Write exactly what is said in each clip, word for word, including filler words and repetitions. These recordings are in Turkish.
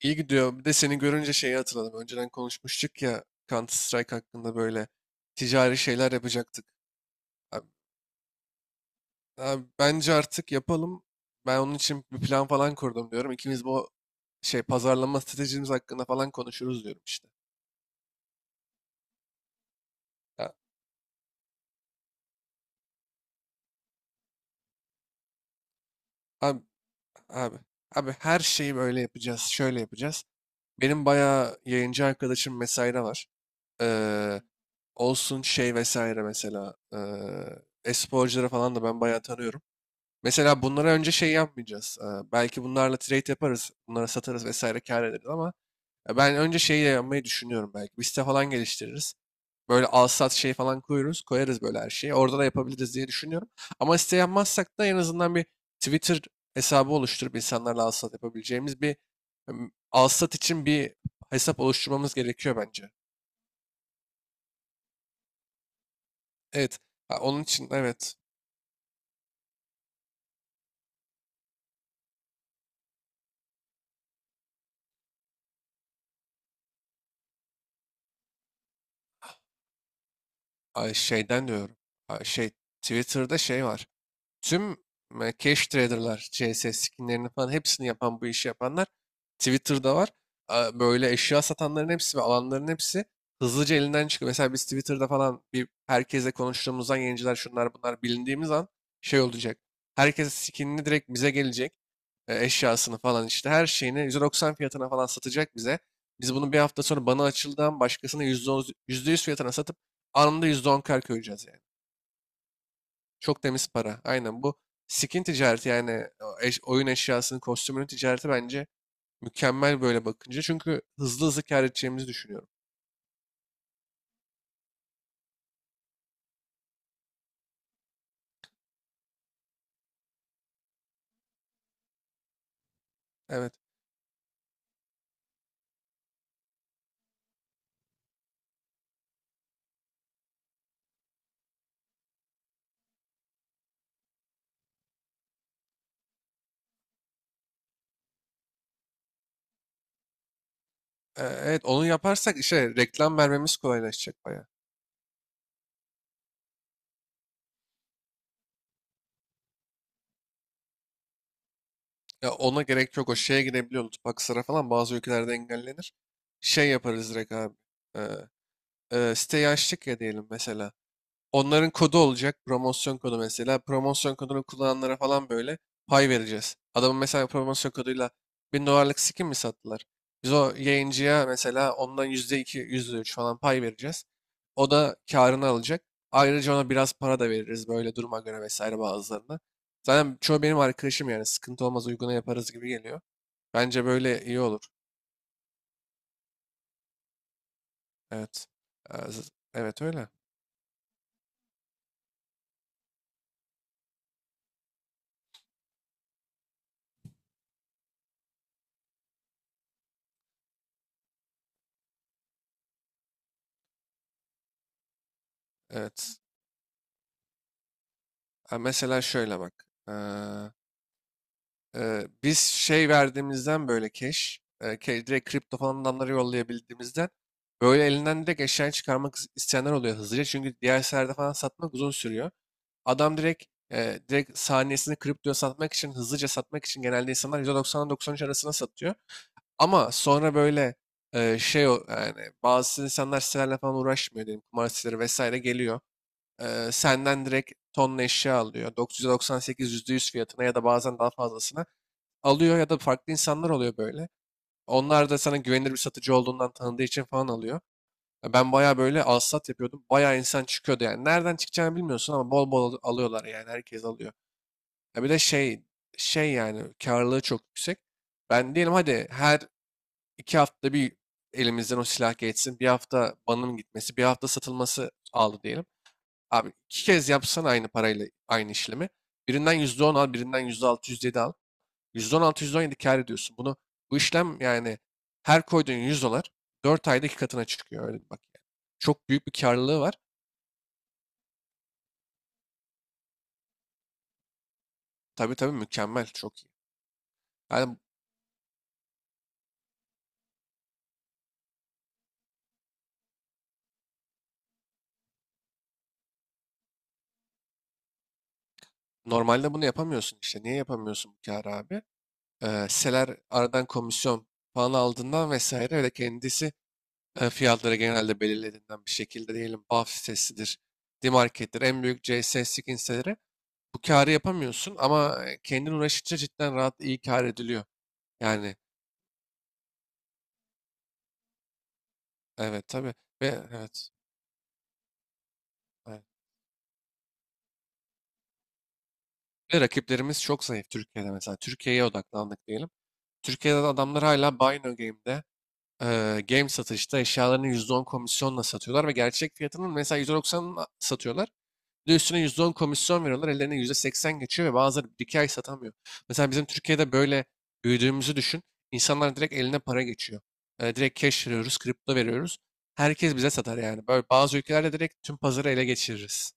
İyi gidiyor. Bir de seni görünce şeyi hatırladım. Önceden konuşmuştuk ya Counter Strike hakkında böyle ticari şeyler yapacaktık. Abi, abi bence artık yapalım. Ben onun için bir plan falan kurdum diyorum. İkimiz bu şey pazarlama stratejimiz hakkında falan konuşuruz diyorum işte. Ya, abi, abi, abi her şeyi böyle yapacağız, şöyle yapacağız. Benim bayağı yayıncı arkadaşım vesaire var. Ee, olsun şey vesaire mesela. ee, e-sporcuları falan da ben bayağı tanıyorum. Mesela bunlara önce şey yapmayacağız. Ee, belki bunlarla trade yaparız, bunlara satarız vesaire kâr ederiz ama ya ben önce şeyi de yapmayı düşünüyorum belki. Bir site falan geliştiririz. Böyle al sat şey falan koyuruz, koyarız böyle her şeyi. Orada da yapabiliriz diye düşünüyorum. Ama site yapmazsak da en azından bir Twitter hesabı oluşturup insanlarla al sat yapabileceğimiz bir em, al sat için bir hesap oluşturmamız gerekiyor bence. Evet. Ha, onun için evet. Ay, şeyden diyorum. Ay, şey Twitter'da şey var. Tüm e, cash trader'lar, C S skinlerini falan hepsini yapan bu işi yapanlar Twitter'da var. A- Böyle eşya satanların hepsi ve alanların hepsi hızlıca elinden çıkıyor. Mesela biz Twitter'da falan bir herkesle konuştuğumuzdan yayıncılar şunlar bunlar bilindiğimiz an şey olacak. Herkes skinini direkt bize gelecek. e, Eşyasını falan işte her şeyini yüz doksan fiyatına falan satacak bize. Biz bunu bir hafta sonra bana açıldan başkasına yüzde on, yüzde yüz fiyatına satıp anında yüzde on kar koyacağız yani. Çok temiz para. Aynen bu skin ticareti yani o eş- oyun eşyasının, kostümünün ticareti bence mükemmel böyle bakınca. Çünkü hızlı hızlı kâr edeceğimizi düşünüyorum. Evet. Ee, evet onu yaparsak işte reklam vermemiz kolaylaşacak baya. Ya ona gerek yok. O şeye girebiliyor. Lütfaksıra falan bazı ülkelerde engellenir. Şey yaparız direkt abi. Ee, e, siteyi açtık ya diyelim mesela. Onların kodu olacak. Promosyon kodu mesela. Promosyon kodunu kullananlara falan böyle pay vereceğiz. Adamın mesela promosyon koduyla bin dolarlık skin mi sattılar? Biz o yayıncıya mesela ondan yüzde iki, yüzde üç falan pay vereceğiz. O da karını alacak. Ayrıca ona biraz para da veririz böyle duruma göre vesaire bazılarına. Zaten çoğu benim arkadaşım yani sıkıntı olmaz uyguna yaparız gibi geliyor. Bence böyle iyi olur. Evet. Ee, z- Evet öyle. Evet. Ha, mesela şöyle bak. Ee, Eee, biz şey verdiğimizden böyle cash, eee, ke- direkt kripto falan adamlara yollayabildiğimizden böyle elinden direkt eşyayı çıkarmak is- isteyenler oluyor hızlıca. Çünkü diğer seferde falan satmak uzun sürüyor. Adam direkt eee, direkt saniyesini kriptoya satmak için, hızlıca satmak için genelde insanlar yüz doksandan doksan üç arasına satıyor. Ama sonra böyle eee, şey o- yani bazı insanlar sitelerle falan uğraşmıyor diyelim kumar siteleri vesaire geliyor. Eee, senden direkt tonla eşya alıyor. Dokuz yüz doksan sekiz yüzde %100 fiyatına ya da bazen daha fazlasına alıyor ya da farklı insanlar oluyor böyle. Onlar da sana güvenilir bir satıcı olduğundan tanıdığı için falan alıyor. Ya ben bayağı böyle alsat yapıyordum. Bayağı insan çıkıyordu yani. Nereden çıkacağını bilmiyorsun ama bol bol al- alıyorlar yani. Herkes alıyor. Ya bir de şey şey yani karlılığı çok yüksek. Ben diyelim hadi her iki haftada bir elimizden o silah geçsin. Bir hafta banım gitmesi, bir hafta satılması aldı diyelim. Abi iki kez yapsan aynı parayla aynı işlemi. Birinden yüzde on al, birinden yüzde altı yüzde yedi al. yüzde on altı-yüzde on yedi kâr ediyorsun. Bunu bu işlem yani her koyduğun yüz dolar dört ayda iki katına çıkıyor. Öyle bak yani. Çok büyük bir karlılığı var. Tabii tabii mükemmel. Çok iyi. Yani normalde bunu yapamıyorsun işte. Niye yapamıyorsun bu kârı abi? Ee, hisseler aradan komisyon falan aldığından vesaire öyle kendisi e, fiyatları genelde belirlediğinden bir şekilde diyelim B A F sitesidir, D-Market'tir, en büyük C S, S I G hisseleri bu karı yapamıyorsun ama e, kendin uğraşınca cidden rahat iyi kar ediliyor. Yani evet tabii ve evet, evet. Ve rakiplerimiz çok zayıf Türkiye'de mesela. Türkiye'ye odaklandık diyelim. Türkiye'de de adamlar hala Bino Game'de eee, game satışta eşyalarını yüzde on komisyonla satıyorlar ve gerçek fiyatının mesela yüzde a- satıyorlar. Bir de üstüne yüzde on komisyon veriyorlar. Ellerine yüzde seksen geçiyor ve bazıları bir iki ay satamıyor. Mesela bizim Türkiye'de böyle büyüdüğümüzü düşün. İnsanlar direkt eline para geçiyor. Eee, direkt cash veriyoruz, kripto veriyoruz. Herkes bize satar yani. Böyle bazı ülkelerde direkt tüm pazarı ele geçiririz.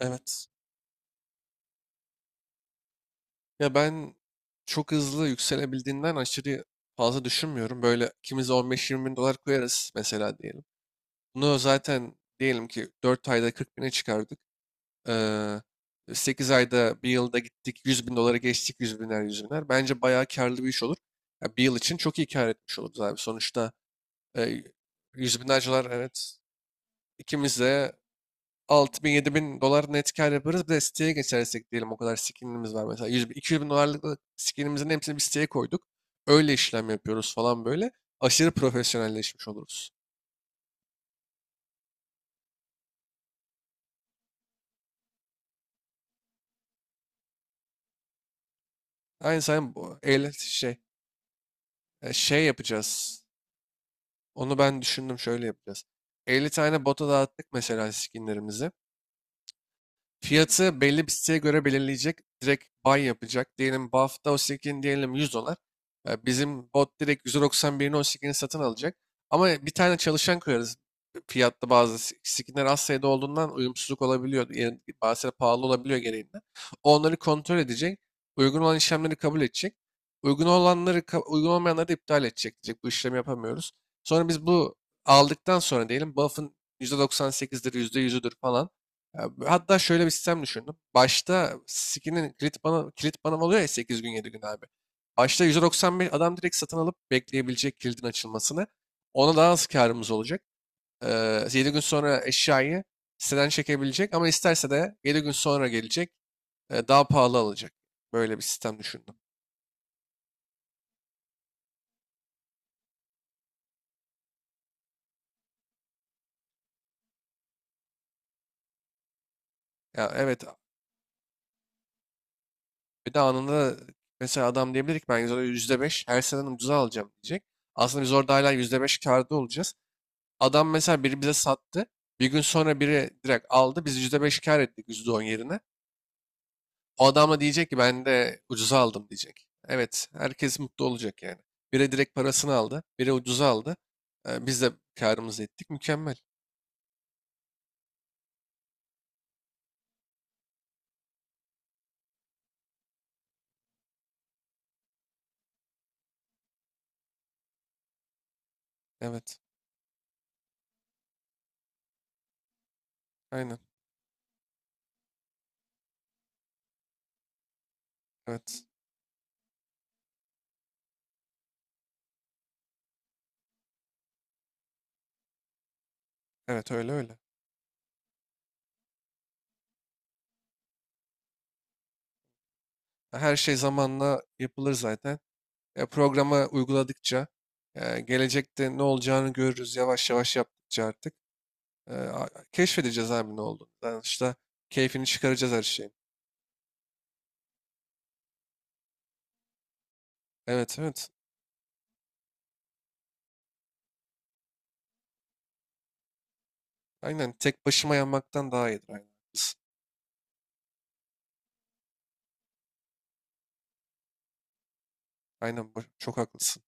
Evet. Ya ben çok hızlı yükselebildiğinden aşırı fazla düşünmüyorum. Böyle ikimiz de on beş yirmi bin dolar koyarız mesela diyelim. Bunu zaten diyelim ki dört ayda kırk bine çıkardık. Ee, sekiz ayda bir yılda gittik yüz bin dolara geçtik yüz biner yüz biner. Bence bayağı karlı bir iş olur. Ya bir yıl için çok iyi kar etmiş oluruz abi. Sonuçta e, yüz binler dolar evet ikimiz de altı bin yedi bin dolar net kar yaparız. Bir de siteye geçersek diyelim o kadar skinimiz var. Mesela yüz, iki yüz bin dolarlık skinimizin hepsini bir siteye koyduk. Öyle işlem yapıyoruz falan böyle. Aşırı profesyonelleşmiş oluruz. Aynı sen bu elli şey e, şey yapacağız. Onu ben düşündüm şöyle yapacağız. elli tane bota dağıttık mesela skinlerimizi. Fiyatı belli bir siteye göre belirleyecek. Direkt buy yapacak. Diyelim bu hafta o skin diyelim yüz dolar. E, Bizim bot direkt yüz doksan birini o skin'i satın alacak. Ama bir tane çalışan koyarız. Fiyatta bazı s- skinler az sayıda olduğundan uyumsuzluk olabiliyor. Yani bazıları pahalı olabiliyor gereğinden. O Onları kontrol edecek. Uygun olan işlemleri kabul edecek. Uygun olanları, ka- uygun olmayanları da iptal edecek. Diyecek bu işlemi yapamıyoruz. Sonra biz bu aldıktan sonra diyelim buff'ın yüzde doksan sekizdir, yüzde yüzüdür falan. Ya, hatta şöyle bir sistem düşündüm. Başta Siki'nin kilit bana, kilit bana oluyor ya sekiz gün yedi gün abi. Başta yüz doksan beş adam direkt satın alıp bekleyebilecek kilidin açılmasını. Ona daha az karımız olacak. Ee, yedi gün sonra eşyayı siteden çekebilecek ama isterse de yedi gün sonra gelecek. e, daha pahalı alacak. Böyle bir sistem düşündüm. Ya evet bir de anında mesela adam diyebilir ki ben yüzde beş her seneden ucuza alacağım diyecek. Aslında biz orada hala yüzde beş karda olacağız. Adam mesela biri bize sattı. Bir gün sonra biri direkt aldı. Biz yüzde beş kar ettik yüzde on yerine. O adam da diyecek ki ben de ucuza aldım diyecek. Evet herkes mutlu olacak yani. Biri direkt parasını aldı. Biri ucuza aldı. Ee, biz de karımızı ettik. Mükemmel. Evet. Aynen. Evet. Evet öyle öyle. Her şey zamanla yapılır zaten. Ya programı uyguladıkça e, gelecekte ne olacağını görürüz yavaş yavaş yaptıkça artık. E, a- keşfedeceğiz abi ne olduğunu. Yani işte keyfini çıkaracağız her şeyin. Evet evet. Aynen tek başıma yanmaktan daha iyidir. Aynen. Aynen bu- çok haklısın.